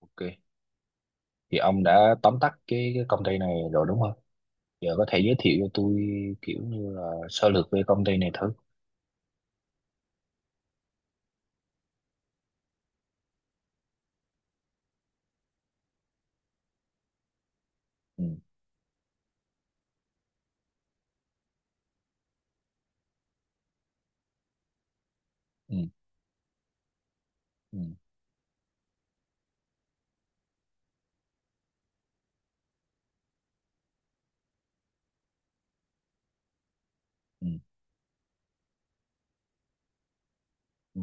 Ok, thì ông đã tóm tắt cái công ty này rồi đúng không? Giờ có thể giới thiệu cho tôi kiểu như là sơ lược về công ty này thử. Ừ, ừ, ừ, ừ, ừ,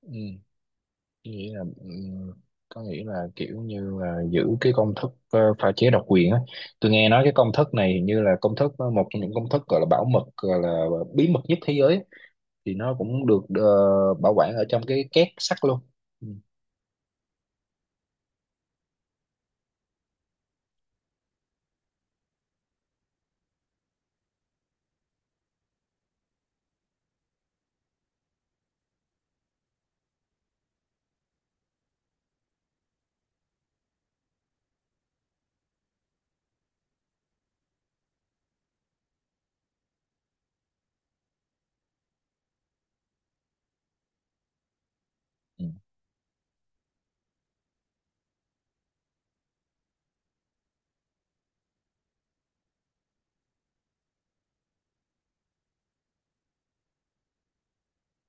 ừ. Ừ. Nghĩa là có nghĩa là kiểu như là giữ cái công thức pha chế độc quyền á. Tôi nghe nói cái công thức này hình như là công thức một trong những công thức gọi là bảo mật gọi là bí mật nhất thế giới á. Thì nó cũng được bảo quản ở trong cái két sắt luôn. Ừ, ừ,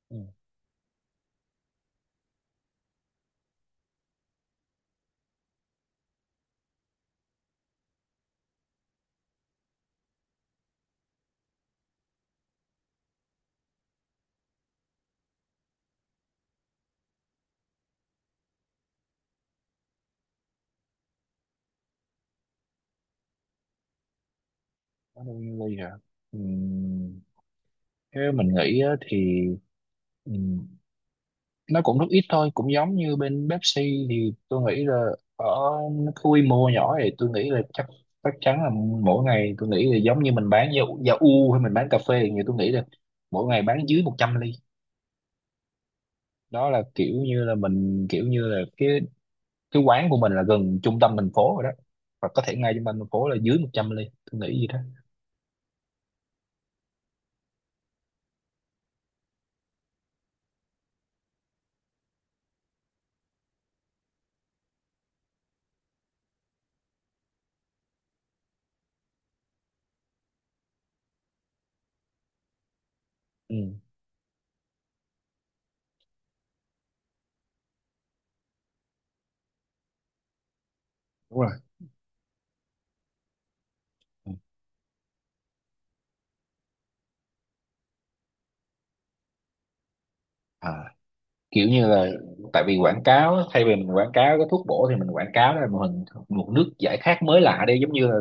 ừ. Nó đâu như vậy hả? Ừ. Theo mình nghĩ á, thì ừm, nó cũng rất ít thôi, cũng giống như bên Pepsi thì tôi nghĩ là ở cái quy mô nhỏ thì tôi nghĩ là chắc chắc chắn là mỗi ngày tôi nghĩ là giống như mình bán dầu dầu u hay mình bán cà phê thì tôi nghĩ là mỗi ngày bán dưới 100 ly. Đó là kiểu như là mình kiểu như là cái quán của mình là gần trung tâm thành phố rồi đó. Và có thể ngay trung tâm thành phố là dưới 100 ly, tôi nghĩ gì đó. Ừ, đúng rồi. Ừ. À, kiểu như là tại vì quảng cáo á, thay vì mình quảng cáo cái thuốc bổ thì mình quảng cáo là một hình một nước giải khát mới lạ đi, giống như là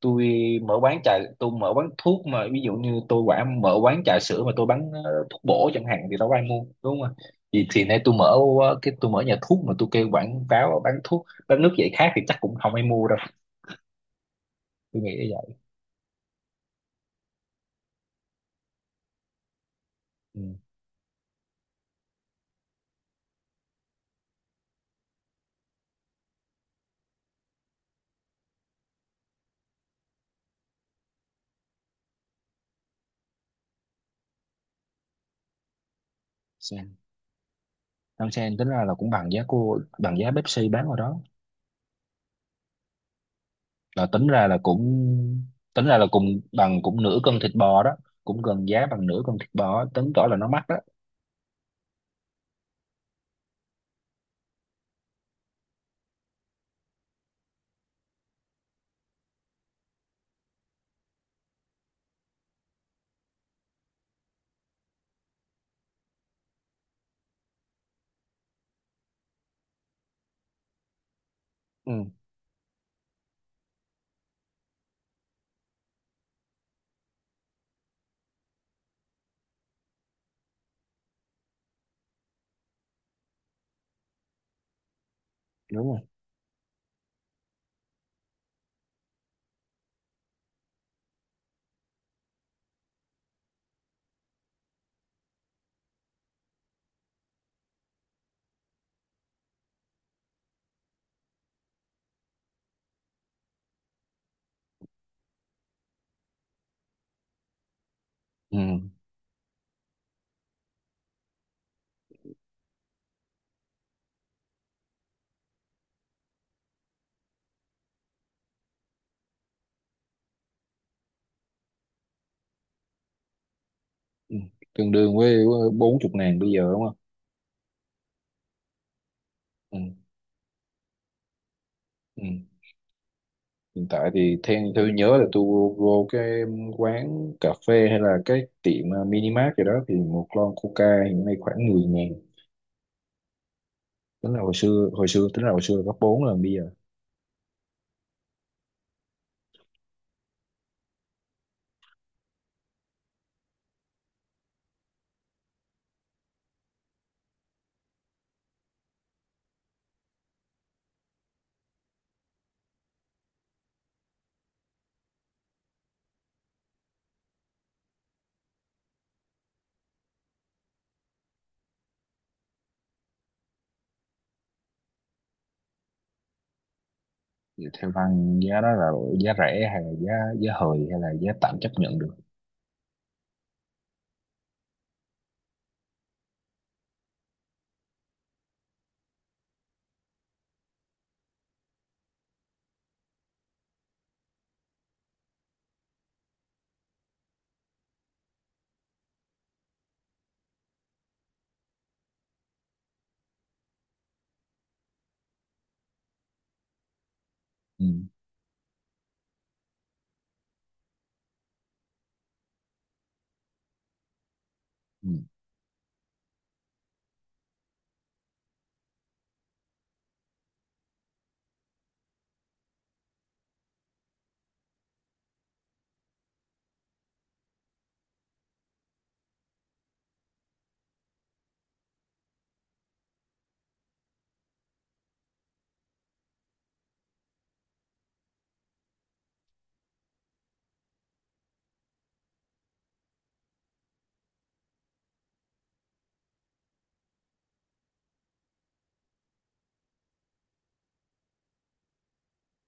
tôi mở quán trà, tôi mở quán thuốc, mà ví dụ như tôi quảng mở quán trà sữa mà tôi bán thuốc bổ chẳng hạn thì đâu có ai mua đúng không ạ, thì nay tôi mở cái tôi mở nhà thuốc mà tôi kêu quảng cáo bán thuốc bán nước giải khát thì chắc cũng không ai mua đâu, tôi nghĩ như vậy. Ừ. Sen. Đăng sen tính ra là cũng bằng giá cô bằng giá Pepsi bán ở đó, là tính ra là cũng tính ra là cùng bằng cũng nửa cân thịt bò đó, cũng gần giá bằng nửa cân thịt bò, tính tỏ là nó mắc đó. Ừ, đúng rồi. Ừ, ừ. Tương đương với 40.000 bây giờ đúng không? Ừ, ừ. Hiện tại thì theo tôi nhớ là tôi vô cái quán cà phê hay là cái tiệm minimart gì đó thì một lon coca hiện nay khoảng 10.000. Tính là hồi xưa, hồi xưa tính là hồi xưa là gấp bốn lần bây giờ. Thì theo văn giá đó là giá rẻ hay là giá giá hời hay là giá tạm chấp nhận được? Ừ. Ừ.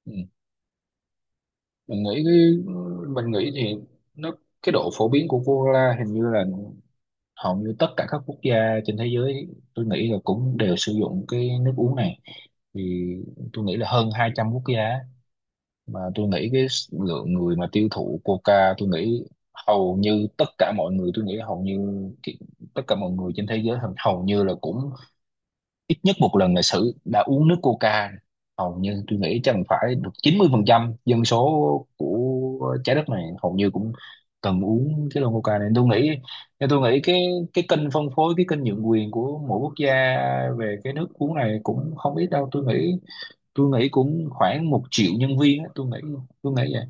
Ừ. Mình nghĩ cái mình nghĩ thì nó cái độ phổ biến của cola hình như là hầu như tất cả các quốc gia trên thế giới, tôi nghĩ là cũng đều sử dụng cái nước uống này, thì tôi nghĩ là hơn 200 quốc gia á. Mà tôi nghĩ cái lượng người mà tiêu thụ coca, tôi nghĩ hầu như tất cả mọi người, tôi nghĩ hầu như cái- tất cả mọi người trên thế giới hầu hầu như là cũng ít nhất một lần lịch sử đã uống nước coca, hầu như tôi nghĩ chắc phải được 90% dân số của trái đất này hầu như cũng cần uống cái lon coca này, tôi nghĩ. Nên tôi nghĩ cái kênh phân phối, cái kênh nhượng quyền của mỗi quốc gia về cái nước uống này cũng không ít đâu, tôi nghĩ. Tôi nghĩ cũng khoảng 1.000.000 nhân viên á, tôi nghĩ. Tôi nghĩ vậy.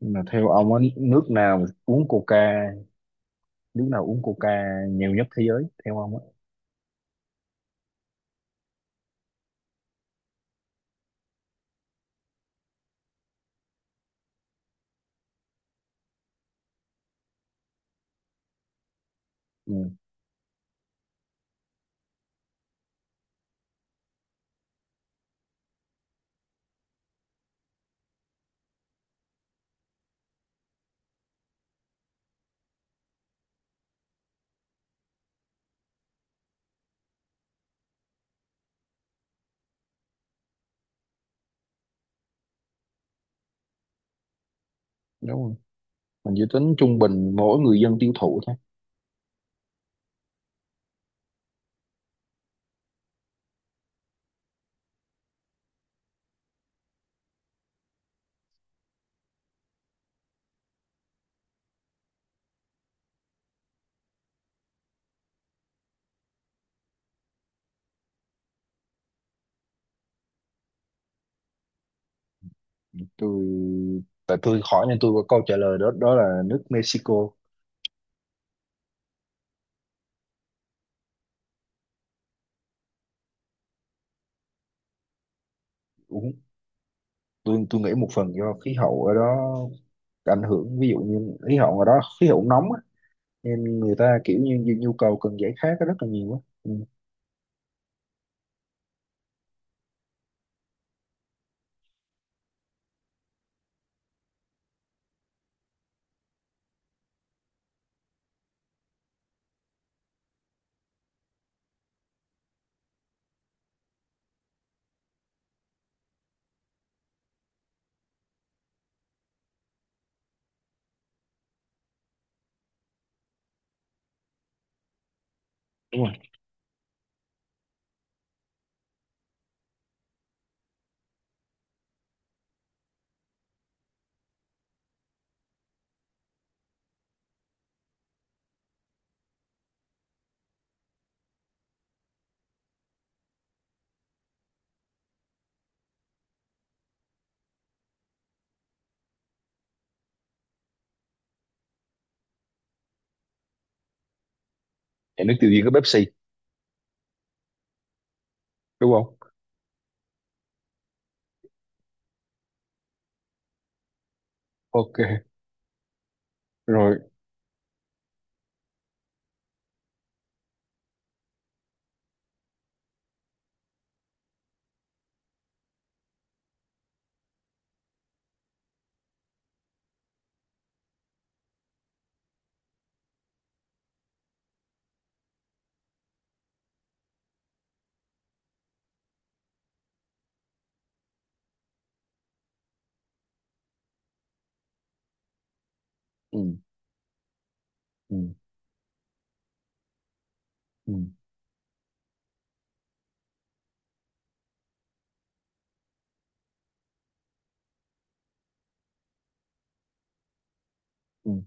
Mà theo ông á, nước nào uống coca, nước nào uống coca nhiều nhất thế giới theo ông á? Ừ. Đúng rồi. Mình chỉ tính trung bình mỗi người dân tiêu thụ thôi. tôi Tại tôi hỏi nên tôi có câu trả lời đó, đó là nước Mexico. Uống. Tôi nghĩ một phần do khí hậu ở đó ảnh hưởng, ví dụ như khí hậu ở đó khí hậu nóng á, nên người ta kiểu như nhu nhu cầu cần giải khát rất là nhiều á. Ừ, đúng rồi. Nhà nước tiêu diệt có Pepsi đúng không? Ok. Rồi. Ừ, ừ, ừ, ừ.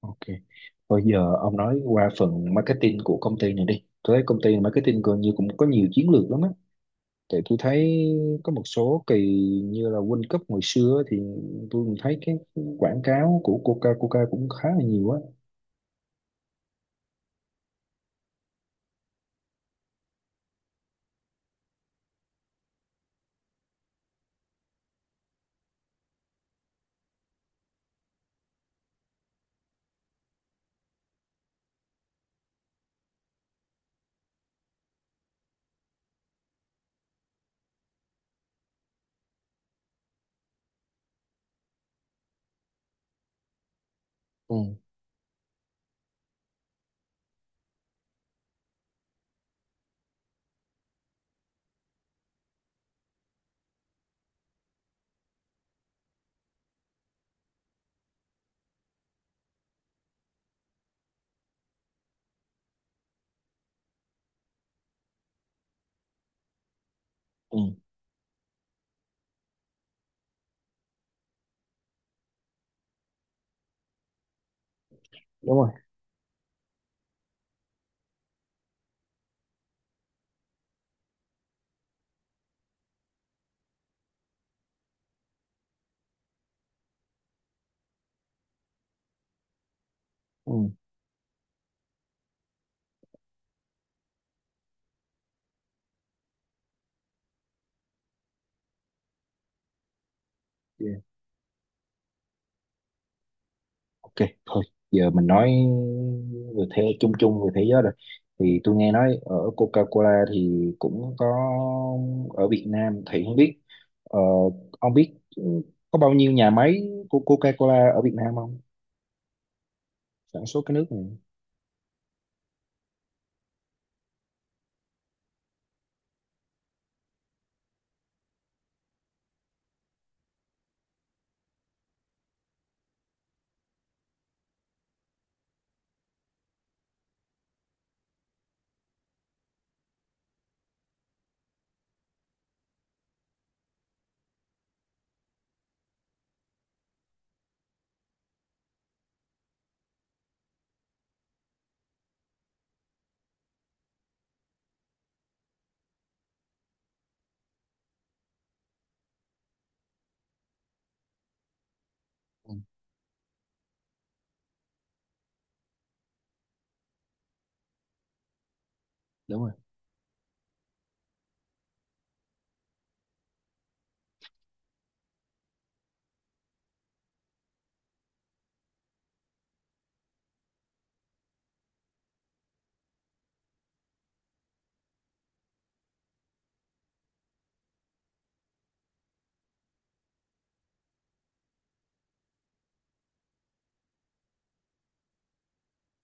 Ok, bây giờ ông nói qua phần marketing của công ty này đi, tôi thấy công ty marketing gần như cũng có nhiều chiến lược lắm á. Tại tôi thấy có một số kỳ như là World Cup hồi xưa thì tôi cũng thấy cái quảng cáo của Coca Coca cũng khá là nhiều á. Ừ. Ừ. Đúng rồi. Ừ. Yeah. Ok, thôi giờ mình nói về thế chung chung về thế giới rồi. Thì tôi nghe nói ở Coca-Cola thì cũng có, ở Việt Nam thì không biết, ờ, ông biết có bao nhiêu nhà máy của Coca-Cola ở Việt Nam không? Sản xuất cái nước này. Ừ, đúng rồi,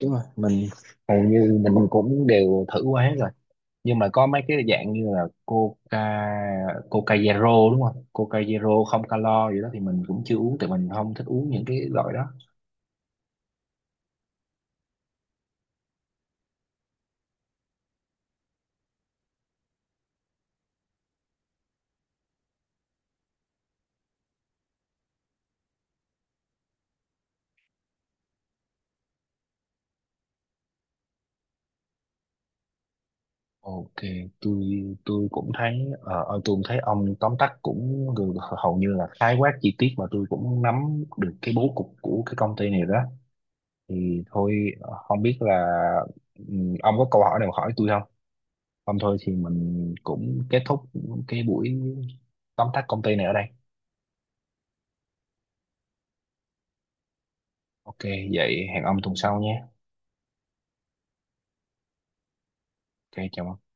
đúng rồi. Mình hầu như mình cũng đều thử qua hết rồi, nhưng mà có mấy cái dạng như là coca, coca zero đúng không, coca zero không calo gì đó thì mình cũng chưa uống, tại mình không thích uống những cái loại đó. Ok. Tôi tôi cũng thấy tôi cũng thấy ông tóm tắt cũng hầu như là khái quát chi tiết mà tôi cũng nắm được cái bố cục của cái công ty này đó. Thì thôi, không biết là, ừ, ông có câu hỏi nào hỏi tôi không? Không thôi thì mình cũng kết thúc cái buổi tóm tắt công ty này ở đây. Ok, vậy hẹn ông tuần sau nhé. Ok, chào ông.